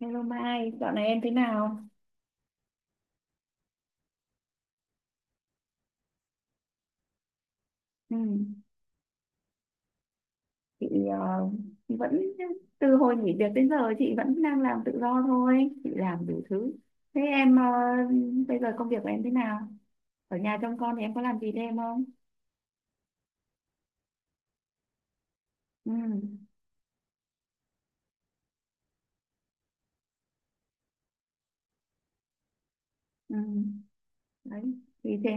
Hello Mai, dạo này em thế nào? Ừ. Chị ờ, vẫn từ hồi nghỉ việc đến giờ chị vẫn đang làm tự do thôi, chị làm đủ thứ. Thế em bây giờ công việc của em thế nào? Ở nhà trông con thì em có làm gì thêm không? Ừ. Ừ. Đấy, gì thế?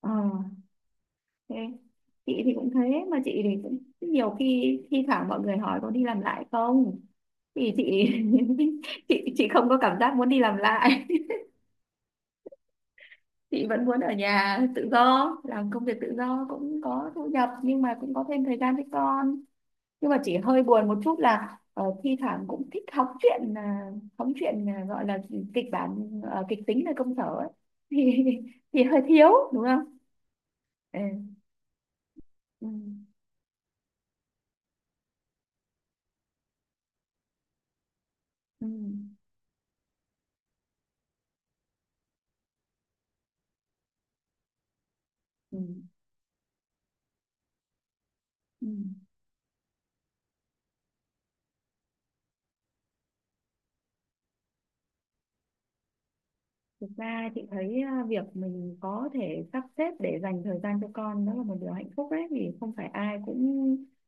Ờ, thế. Chị thì cũng thế, mà chị thì cũng nhiều khi thi thoảng mọi người hỏi có đi làm lại không? Thì chị chị không có cảm giác muốn đi làm lại. Chị vẫn muốn ở nhà tự do, làm công việc tự do cũng có thu nhập nhưng mà cũng có thêm thời gian với con, nhưng mà chỉ hơi buồn một chút là thi thoảng cũng thích hóng chuyện à, gọi là kịch bản kịch tính ở công sở ấy. thì thì hơi thiếu đúng không? Ừ. Ừ. Ừ. Ừ. Ừ. Thực ra chị thấy à, việc mình có thể sắp xếp để dành thời gian cho con đó là một điều hạnh phúc đấy, vì không phải ai cũng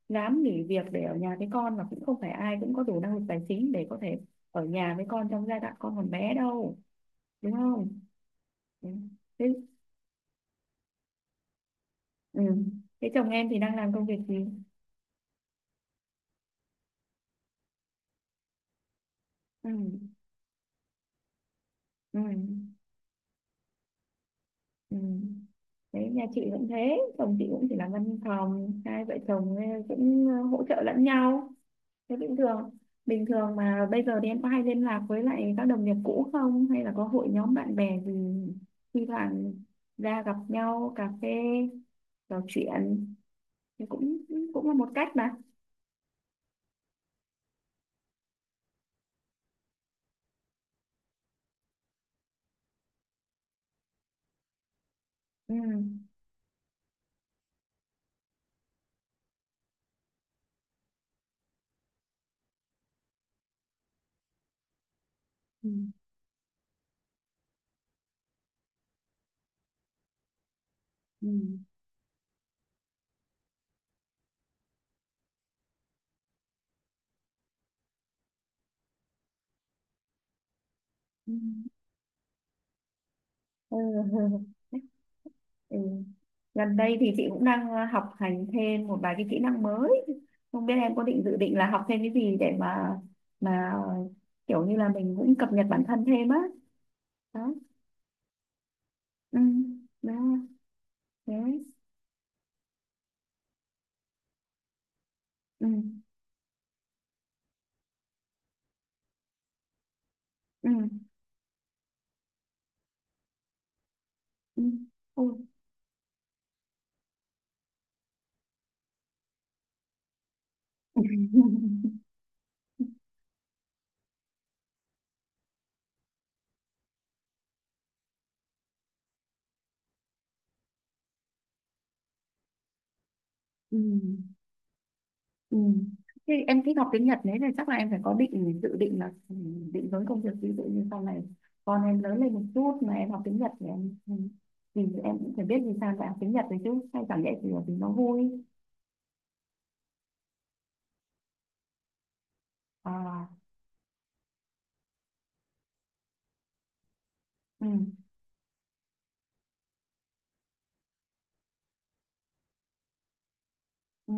dám nghỉ việc để ở nhà với con, và cũng không phải ai cũng có đủ năng lực tài chính để có thể ở nhà với con trong giai đoạn con còn bé đâu, đúng không? Ừ. Thế, ừ. Thế chồng em thì đang làm công việc gì? Ừ. Ừ. Ừ. Đấy, nhà chị cũng thế, chồng chị cũng chỉ làm văn phòng, hai vợ chồng cũng hỗ trợ lẫn nhau. Thế bình thường Bình thường mà bây giờ thì em có hay liên lạc với lại các đồng nghiệp cũ không, hay là có hội nhóm bạn bè gì thi thoảng ra gặp nhau cà phê trò chuyện thì cũng cũng là một cách mà. Ừ. Ừ. Ừ. Ừ. Ừ. Ừ. Gần đây thì chị cũng đang học hành thêm một vài cái kỹ năng mới. Không biết em có dự định là học thêm cái gì để mà kiểu như là mình cũng cập nhật bản thân thêm á. Đó. Ừ. Đó. Thế. Ừ, ừ, ừ. Ôi. Ừ, ừ. Ừ. Thế em thích học tiếng Nhật đấy thì chắc là em phải có dự định là ừ, định hướng công việc, ví dụ như sau này con em lớn lên một chút mà em học tiếng Nhật thì em ừ, thì em cũng phải biết vì sao lại học tiếng Nhật đấy chứ, hay chẳng lẽ chỉ là vì nó vui? À, ừ, ừ,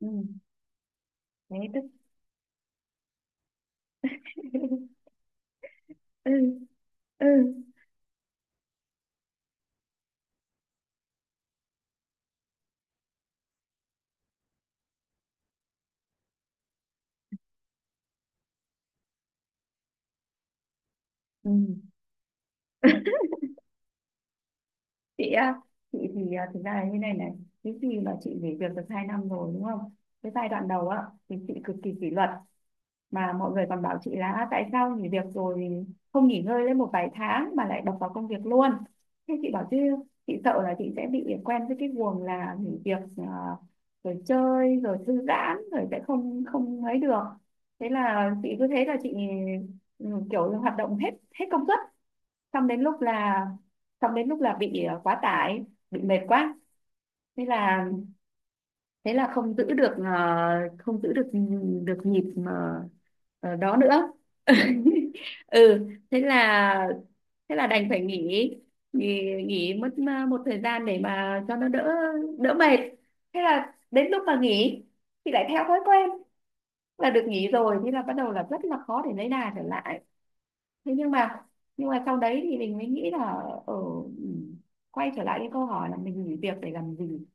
ừ, thế tức. Ừ, ừ, ừ. Chị á, chị thì à, thực ra là như này này, cái gì mà chị nghỉ việc được 2 năm rồi đúng không? Cái giai đoạn đầu á thì chị cực kỳ kỷ luật, mà mọi người còn bảo chị là "À, tại sao nghỉ việc rồi thì không nghỉ ngơi lên một vài tháng mà lại đập vào công việc luôn?" Thế chị bảo chứ chị sợ là chị sẽ bị quen với cái guồng là nghỉ việc à, rồi chơi rồi thư giãn rồi sẽ không không ấy được. Thế là chị cứ thế là chị ừ, kiểu là hoạt động hết hết công suất, xong đến lúc là xong đến lúc là bị quá tải, bị mệt quá. Thế là thế là không giữ được không giữ được được nhịp mà, ờ, đó nữa. Ừ, thế là thế là đành phải nghỉ, nghỉ, nghỉ mất một thời gian để mà cho nó đỡ, đỡ mệt. Thế là đến lúc mà nghỉ thì lại theo thói quen là được nghỉ rồi, thế là bắt đầu là rất là khó để lấy đà trở lại. Thế nhưng mà sau đấy thì mình mới nghĩ là ở quay trở lại cái câu hỏi là mình nghỉ việc để làm gì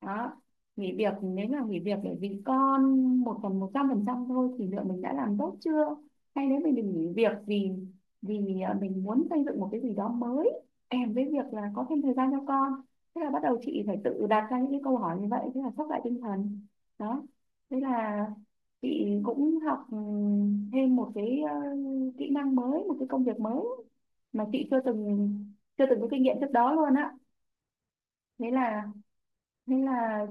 đó. Nghỉ việc, nếu mà nghỉ việc để vì con một phần 100% thôi thì liệu mình đã làm tốt chưa, hay nếu mình nghỉ việc vì vì à, mình muốn xây dựng một cái gì đó mới kèm với việc là có thêm thời gian cho con. Thế là bắt đầu chị phải tự đặt ra những cái câu hỏi như vậy, thế là sốc lại tinh thần đó. Thế là chị cũng học ừ, thêm một cái kỹ năng mới, một cái công việc mới mà chị chưa từng chưa từng có kinh nghiệm trước đó luôn á. Thế là thế là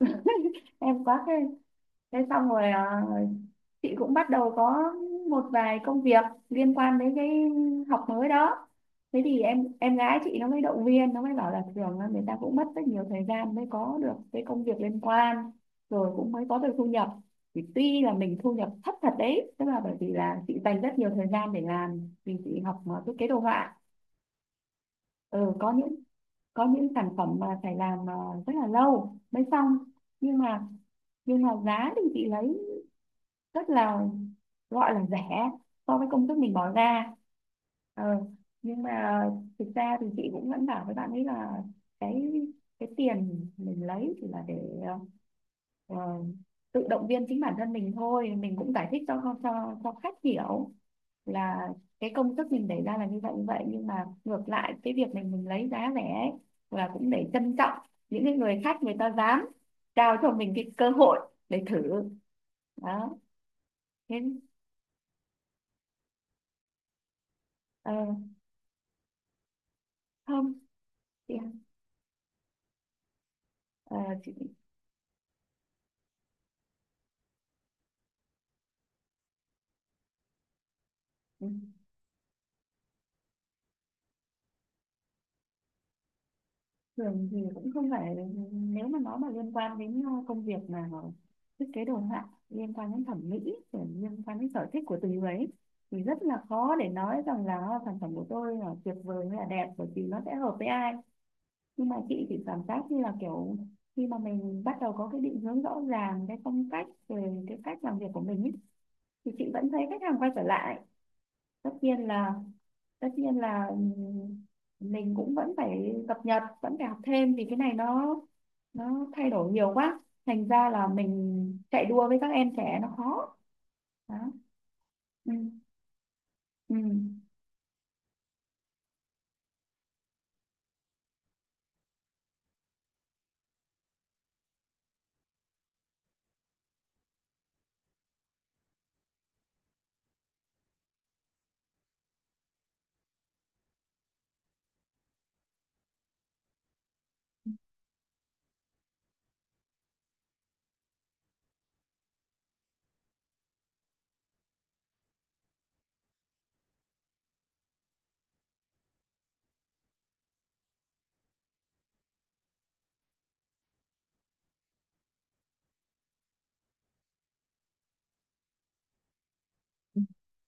em quá khen. Thế xong rồi à, chị cũng bắt đầu có một vài công việc liên quan đến cái học mới đó. Thế thì em gái chị nó mới động viên, nó mới bảo là thường là người ta cũng mất rất nhiều thời gian mới có được cái công việc liên quan rồi cũng mới có được thu nhập, thì tuy là mình thu nhập thấp thật đấy, tức là bởi vì là chị dành rất nhiều thời gian để làm, vì chị học à, thiết kế đồ họa, ừ, có những sản phẩm mà phải làm à, rất là lâu mới xong, nhưng mà nhưng mà giá thì chị lấy rất là gọi là rẻ so với công sức mình bỏ ra. Ờ, nhưng mà thực ra thì chị cũng vẫn bảo với bạn ấy là cái cái tiền mình lấy chỉ là để ờ, tự động viên chính bản thân mình thôi. Mình cũng giải thích cho cho khách hiểu là cái công sức mình để ra là như vậy như vậy, nhưng mà ngược lại cái việc mình lấy giá rẻ ấy, là cũng để trân trọng những cái người khách người ta dám trao cho mình cái cơ hội để thử đó. Thế ờ, không chị ạ. Ờ, chị ừ, thường thì cũng không phải, nếu mà nó mà liên quan đến công việc mà thiết kế đồ họa liên quan đến thẩm mỹ rồi liên quan đến sở thích của từng người ấy, thì rất là khó để nói rằng là sản phẩm của tôi là tuyệt vời hay là đẹp, bởi vì nó sẽ hợp với ai. Nhưng mà chị thì cảm giác như là kiểu khi mà mình bắt đầu có cái định hướng rõ ràng cái phong cách về cái cách làm việc của mình ấy, thì chị vẫn thấy khách hàng quay trở lại. Tất nhiên là tất nhiên là ừ, mình cũng vẫn phải cập nhật, vẫn phải học thêm vì cái này nó thay đổi nhiều quá, thành ra là mình chạy đua với các em trẻ nó khó đó. Ừ. Ừ.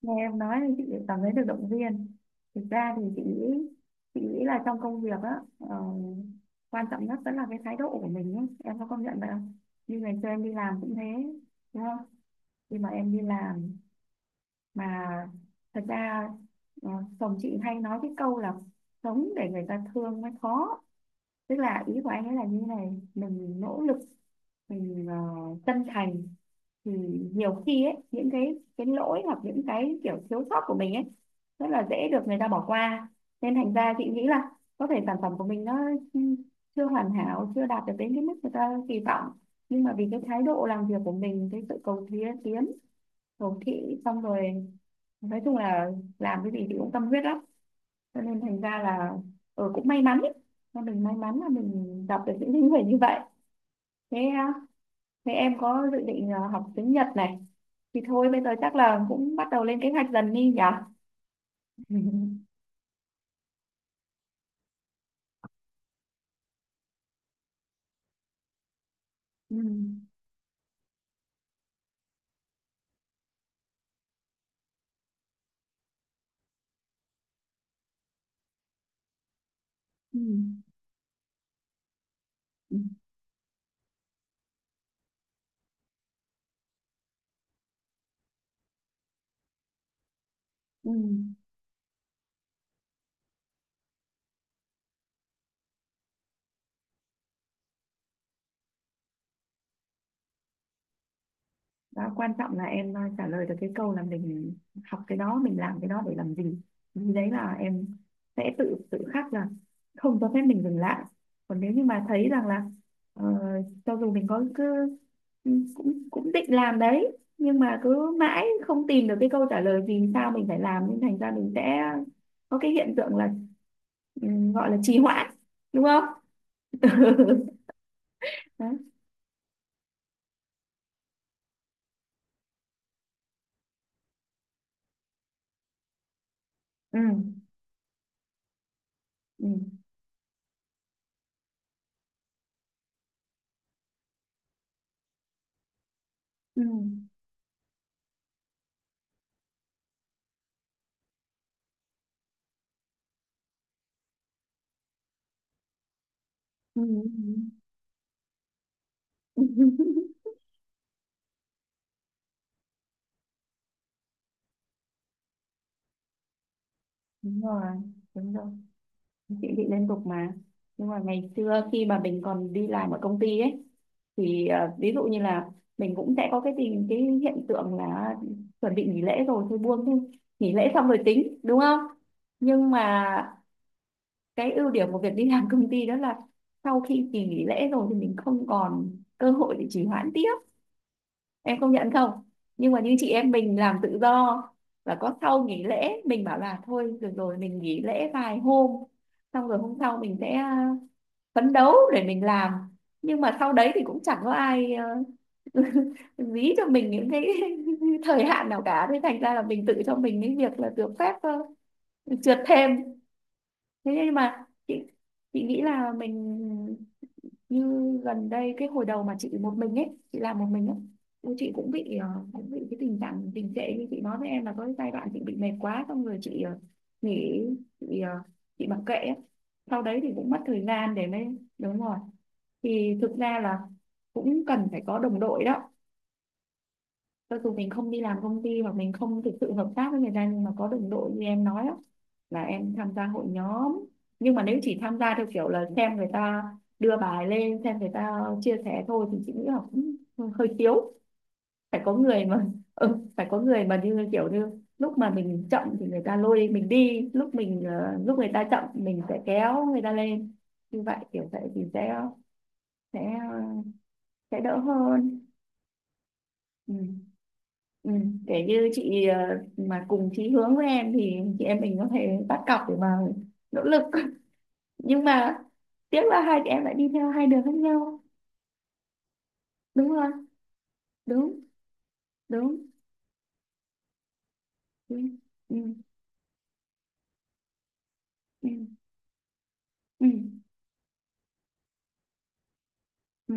Nghe em nói thì chị cảm thấy được động viên. Thực ra thì chị nghĩ là trong công việc á quan trọng nhất vẫn là cái thái độ của mình ấy. Em có công nhận vậy không? Như ngày xưa em đi làm cũng thế, đúng không, khi mà em đi làm mà thật ra ờ, chồng chị hay nói cái câu là sống để người ta thương mới khó. Tức là ý của anh ấy là như này, mình nỗ lực, mình chân thành thì nhiều khi ấy những cái lỗi hoặc những cái kiểu thiếu sót của mình ấy rất là dễ được người ta bỏ qua. Nên thành ra chị nghĩ là có thể sản phẩm của mình nó chưa hoàn hảo, chưa đạt được đến cái mức người ta kỳ vọng, nhưng mà vì cái thái độ làm việc của mình, cái sự cầu tiến tiến, cầu thị, xong rồi nói chung là làm cái gì thì cũng tâm huyết lắm, cho nên thành ra là ừ, cũng may mắn ấy. Mà mình may mắn là mình gặp được những cái người như vậy. Thế à, thế em có dự định à, học tiếng Nhật này thì thôi bây giờ chắc là cũng bắt đầu lên kế hoạch dần đi nhỉ. Ừ. Ừ. Ừ. Ừ. Đó quan trọng là em trả lời được cái câu là mình học cái đó mình làm cái đó để làm gì. Vì đấy là em sẽ tự tự khắc là không cho phép mình dừng lại. Còn nếu như mà thấy rằng là ờ, cho dù mình có cứ ừ, cũng cũng định làm đấy, nhưng mà cứ mãi không tìm được cái câu trả lời vì sao mình phải làm, nên thành ra mình sẽ có cái hiện tượng là ừ, gọi là trì hoãn, đúng không? Đấy. Ừ. Ừ. Ừ. Ừ. Đúng rồi, đúng rồi, chị bị liên tục mà. Nhưng mà ngày xưa khi mà mình còn đi làm ở công ty ấy thì à, ví dụ như là mình cũng sẽ có cái tình cái hiện tượng là chuẩn bị nghỉ lễ rồi thôi buông thôi, nghỉ lễ xong rồi tính, đúng không? Nhưng mà cái ưu điểm của việc đi làm công ty đó là sau khi kỳ nghỉ lễ rồi thì mình không còn cơ hội để trì hoãn tiếp, em công nhận không? Nhưng mà như chị em mình làm tự do và có sau nghỉ lễ mình bảo là thôi được rồi mình nghỉ lễ vài hôm, xong rồi hôm sau mình sẽ phấn đấu để mình làm. Nhưng mà sau đấy thì cũng chẳng có ai dí cho mình những cái thời hạn nào cả, thế thành ra là mình tự cho mình cái việc là được phép trượt thêm. Thế nhưng mà chị nghĩ là mình như gần đây cái hồi đầu mà chị một mình ấy, chị làm một mình ấy, ôi, chị cũng bị cũng bị cái tình trạng tình trệ như chị nói với em là có cái giai đoạn chị bị mệt quá, xong rồi chị nghỉ, chị chị mặc kệ ấy. Sau đấy thì cũng mất thời gian để mới đúng rồi. Thì thực ra là cũng cần phải có đồng đội đó. Cho dù mình không đi làm công ty hoặc mình không thực sự hợp tác với người ta, nhưng mà có đồng đội như em nói đó, là em tham gia hội nhóm, nhưng mà nếu chỉ tham gia theo kiểu là xem người ta đưa bài lên, xem người ta chia sẻ thôi, thì chị nghĩ là cũng hơi thiếu. Phải có người mà ừ, phải có người mà như kiểu như lúc mà mình chậm thì người ta lôi mình đi, lúc mình lúc người ta chậm mình sẽ kéo người ta lên, như vậy kiểu vậy thì sẽ sẽ sẽ đỡ hơn. Ừ. Ừ. Kể như chị mà cùng chí hướng với em thì chị em mình có thể bắt cặp để mà nỗ lực. Nhưng mà tiếc là hai chị em lại đi theo hai đường khác nhau, đúng không? Đúng, đúng, đúng. Ừ. Ừ. Ừ. Ừ. Ừ.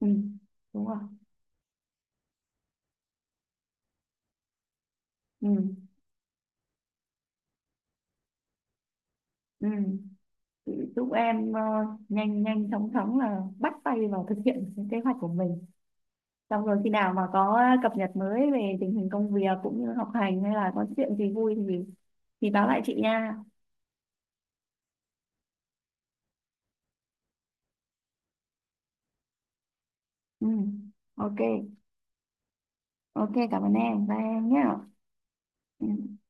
Ừ. Đúng rồi. Ừ. Ừ. Chị chúc em nhanh nhanh chóng chóng là bắt tay vào thực hiện cái kế hoạch của mình. Xong rồi khi nào mà có cập nhật mới về tình hình công việc cũng như học hành, hay là có chuyện gì vui thì báo lại chị nha. Ừ. Ok, ok cảm ơn em, bye em nhé. Ừ.